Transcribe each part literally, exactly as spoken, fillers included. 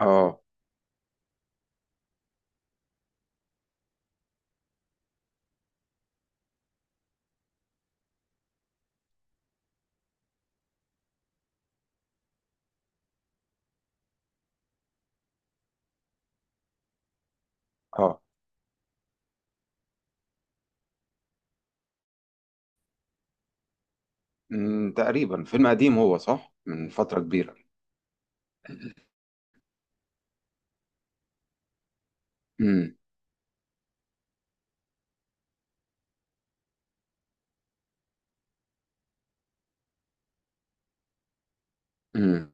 اه اه أمم، تقريبا فيلم قديم، هو صح، من فترة كبيرة. امم امم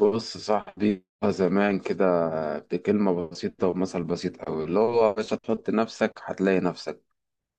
بص صاحبي، زمان كده بكلمة بسيطة ومثل بسيط أوي، اللي هو يا باشا تحط نفسك هتلاقي نفسك.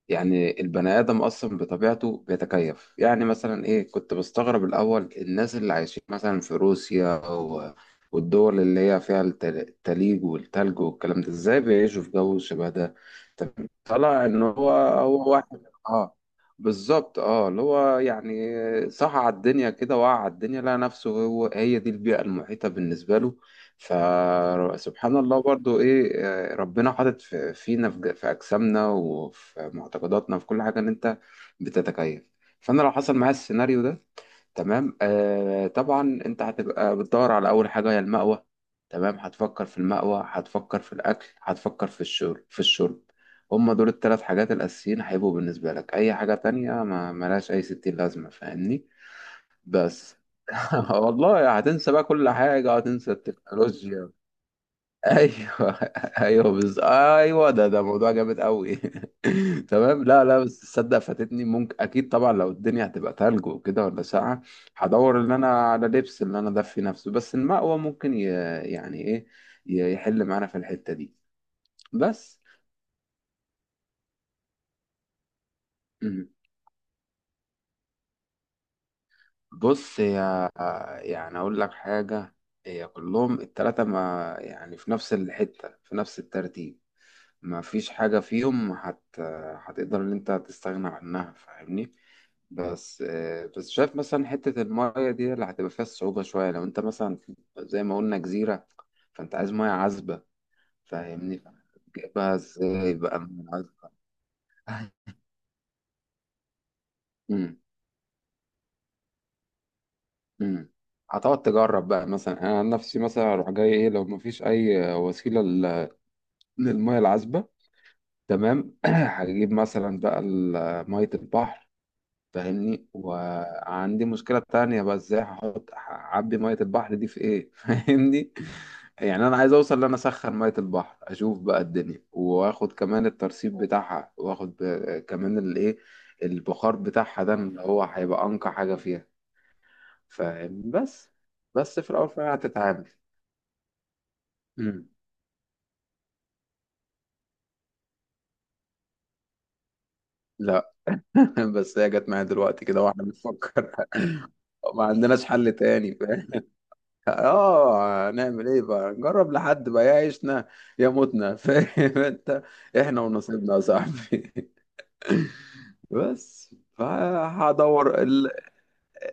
يعني البني آدم أصلا بطبيعته بيتكيف. يعني مثلا إيه، كنت بستغرب الأول الناس اللي عايشين مثلا في روسيا و... والدول اللي هي فيها الت- التليج والتلج والكلام ده، إزاي بيعيشوا في جو شبه ده. طب طلع إن هو هو واحد آه، بالظبط آه، اللي هو يعني صح، على الدنيا كده، وقع على الدنيا لقى نفسه، هو هي دي البيئة المحيطة بالنسبة له. فسبحان الله برضو، ايه آه، ربنا حاطط في- فينا، في ج- في اجسامنا وفي معتقداتنا في كل حاجه، ان انت بتتكيف. فانا لو حصل معايا السيناريو ده، تمام آه، طبعا انت هتبقى بتدور على اول حاجه، هي المأوى. تمام، هتفكر في المأوى، هتفكر في الاكل، هتفكر في الشرب في الشرب. هما دول الثلاث حاجات الاساسيين هيبقوا بالنسبه لك. اي حاجه تانية ما ملهاش اي ستين لازمه، فاهمني؟ بس والله هتنسى بقى كل حاجة، هتنسى التكنولوجيا. ايوه ايوه، بز... ايوه، ده ده موضوع جامد قوي تمام، لا لا، بس تصدق فاتتني؟ ممكن، اكيد طبعا، لو الدنيا هتبقى تلج وكده ولا ساقعه، هدور ان انا على لبس اللي انا دفي نفسه. بس المأوى ممكن ي... يعني ايه، ي- يحل معانا في الحتة دي. بس مم. بص يا، يعني اقول لك حاجة، هي كلهم التلاتة ما يعني في نفس الحتة في نفس الترتيب. ما فيش حاجة فيهم هت... هتقدر ان انت تستغنى عنها، فاهمني؟ بس آه، بس شايف مثلا حتة المية دي اللي هتبقى فيها الصعوبة شوية. لو انت مثلا في- زي ما قلنا جزيرة، فانت عايز مية عذبة، فاهمني؟ تجيبها ازاي بقى من عذبة؟ مم، مم. هتقعد تجرب بقى. مثلا انا عن نفسي، مثلا اروح جاي ايه لو مفيش اي وسيلة لل- للمية العذبة، تمام. هجيب مثلا بقى ال- مية البحر، فاهمني؟ وعندي مشكلة تانية بقى، ازاي هحط، هعبي مية البحر دي في ايه؟ فاهمني؟ يعني انا عايز اوصل ان انا اسخن مية البحر، اشوف بقى الدنيا، واخد كمان الترسيب بتاعها، واخد ب- كمان الايه، البخار بتاعها، ده اللي هو هيبقى انقى حاجة فيها، فاهم؟ بس، بس في الاول فعلا هتتعامل. مم. لا بس هي جت معايا دلوقتي كده واحنا بنفكر. ما عندناش حل تاني، فاهم؟ اه، نعمل ايه بقى، نجرب لحد بقى يا عيشنا يا موتنا فاهم انت، احنا ونصيبنا يا صاحبي بس فهدور،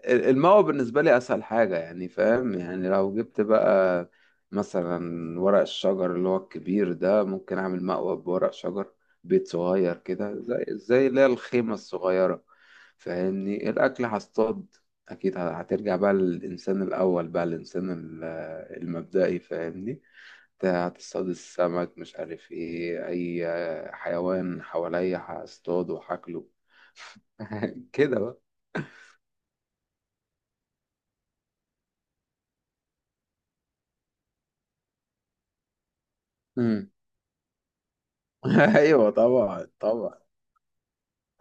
الماوى بالنسبة لي أسهل حاجة. يعني فاهم، يعني لو جبت بقى مثلا ورق الشجر اللي هو الكبير ده، ممكن أعمل مأوى بورق شجر، بيت صغير كده، زي زي اللي هي الخيمة الصغيرة، فاهمني؟ الأكل هصطاد. أكيد ه- هترجع بقى للإنسان الأول بقى، الإنسان ال- المبدئي، فاهمني؟ انت هتصطاد السمك، مش عارف ايه، أي حيوان حواليا هصطاده وهاكله كده. بقى ايوه طبعا، طبعا.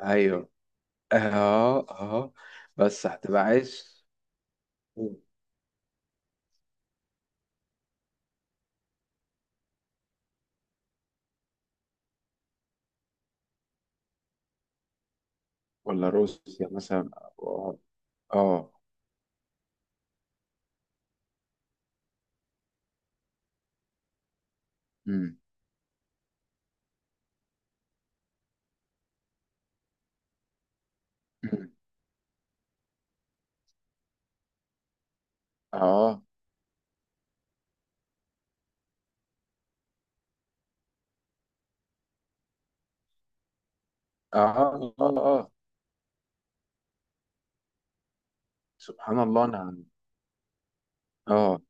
ايوه، اه اه، بس هتبقى عايز. ولا روسيا مثلا، اه اه. أمم، أمم. اه اه، اه اه. سبحان الله، انا اه،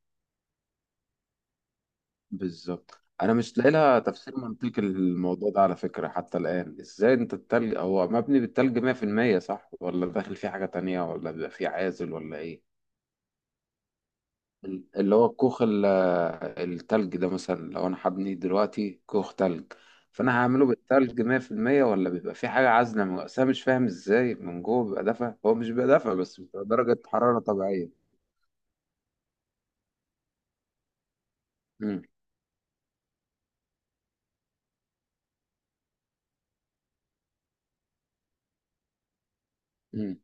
بالظبط. انا مش لاقي لها تفسير منطقي للموضوع ده على فكره، حتى الان. ازاي انت التلج هو مبني بالتلج مية في المية صح؟ ولا داخل فيه حاجه تانية، ولا بيبقى فيه عازل ولا ايه؟ اللي هو الكوخ ال- التلج ده، مثلا لو انا هبني دلوقتي كوخ تلج، فانا هعمله بالتلج مية في المية ولا بيبقى في حاجه عازله من- أصل انا مش فاهم ازاي من جوه بيبقى دافع. هو مش بيبقى دافع بس، بتبقى درجه حراره طبيعيه. امم امم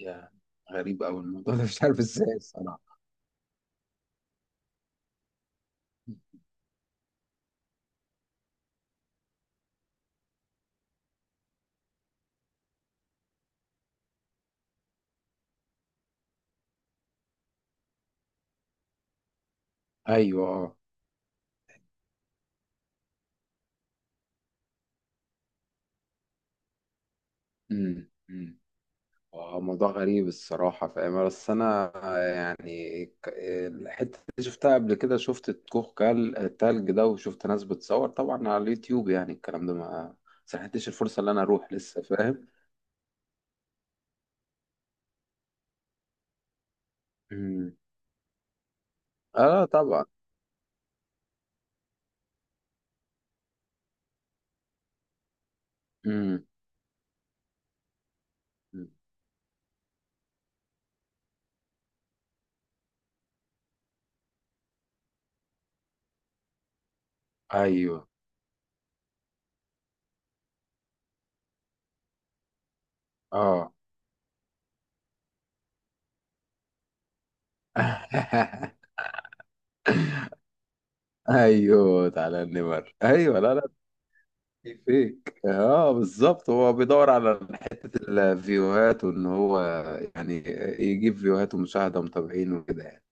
يا، غريب قوي الموضوع ده مش عارف ازاي الصراحه. ايوه اه، امم. آه، موضوع غريب الصراحة، فاهم؟ بس أنا يعني ك- الحتة اللي شفتها قبل كده، شفت الكوخ كال- التلج ده، وشفت ناس بتصور طبعا على اليوتيوب، يعني الكلام ده ما سنحتش الفرصة اللي أنا أروح لسه، فاهم؟ مم. آه طبعا. مم. مم. أيوه، آه ايوه، تعالى النمر، ايوه، لا لا، في فيك اه، بالظبط. هو بيدور على حته الفيوهات، وان هو يعني يجيب فيوهات ومشاهده ومتابعين وكده يعني.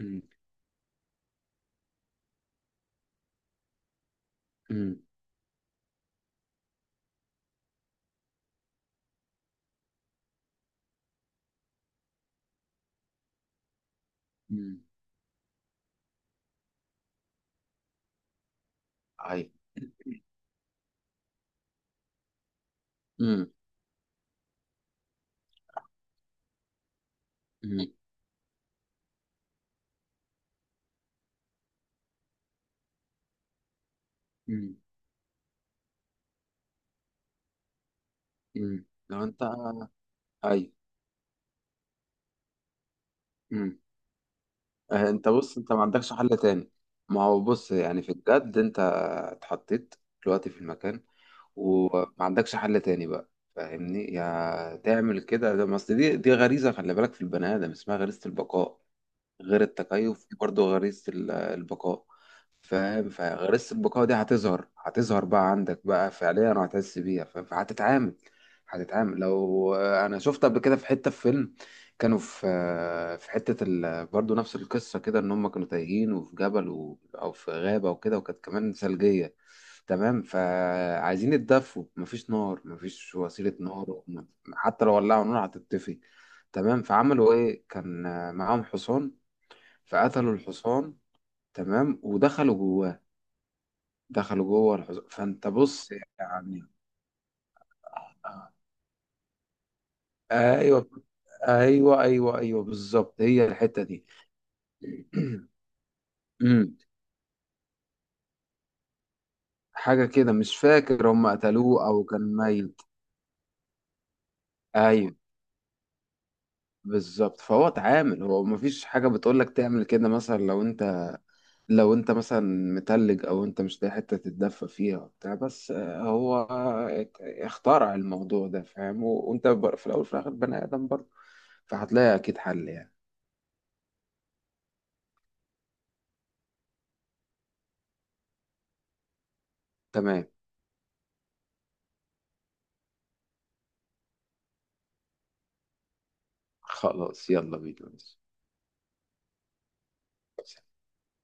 مم. مم. مم. ايوه. مم. مم. مم. مم. لو انت، ايوه. مم. آه، انت بص، انت ما عندكش حل تاني. ما هو بص، يعني في الجد انت اتحطيت دلوقتي في المكان وما عندكش حل تاني بقى، فاهمني؟ يا تعمل كده، ده ما اصل دي دي غريزة، خلي بالك، في البني ادم اسمها غريزة البقاء. غير التكيف، في برضه غريزة ال- البقاء، فاهم؟ فغريزة البقاء دي هتظهر، هتظهر بقى عندك بقى فعليا وهتحس بيها، فاهم؟ فهتتعامل، هتتعامل. لو انا شفت قبل كده في حتة في فيلم، كانوا في في حتة ال... برضه نفس القصة كده، ان هم كانوا تايهين وفي جبل و... او في غابة وكده، وكانت كمان ثلجية، تمام. فعايزين يتدفوا، مفيش نار، مفيش وسيلة نار، حتى لو ولعوا نار هتتطفي، تمام. فعملوا ايه؟ كان معاهم حصان، فقتلوا الحصان، تمام، ودخلوا جواه. دخلوا جوه الحصان. فانت بص يعني آه، ايوه ايوه ايوه ايوه، بالظبط، هي الحته دي. أمم، حاجه كده مش فاكر، هم قتلوه او كان ميت. ايوه بالظبط، فهو اتعامل. هو مفيش حاجه بتقول لك تعمل كده، مثلا لو انت، لو انت مثلا متلج او انت مش لاقي حته تتدفى فيها وبتاع، بس آه، هو اخترع الموضوع ده، فاهم؟ وانت بر- في الاول وفي الاخر بني ادم برضه، فهتلاقي أكيد حل يعني. تمام، خلاص يلا بينا.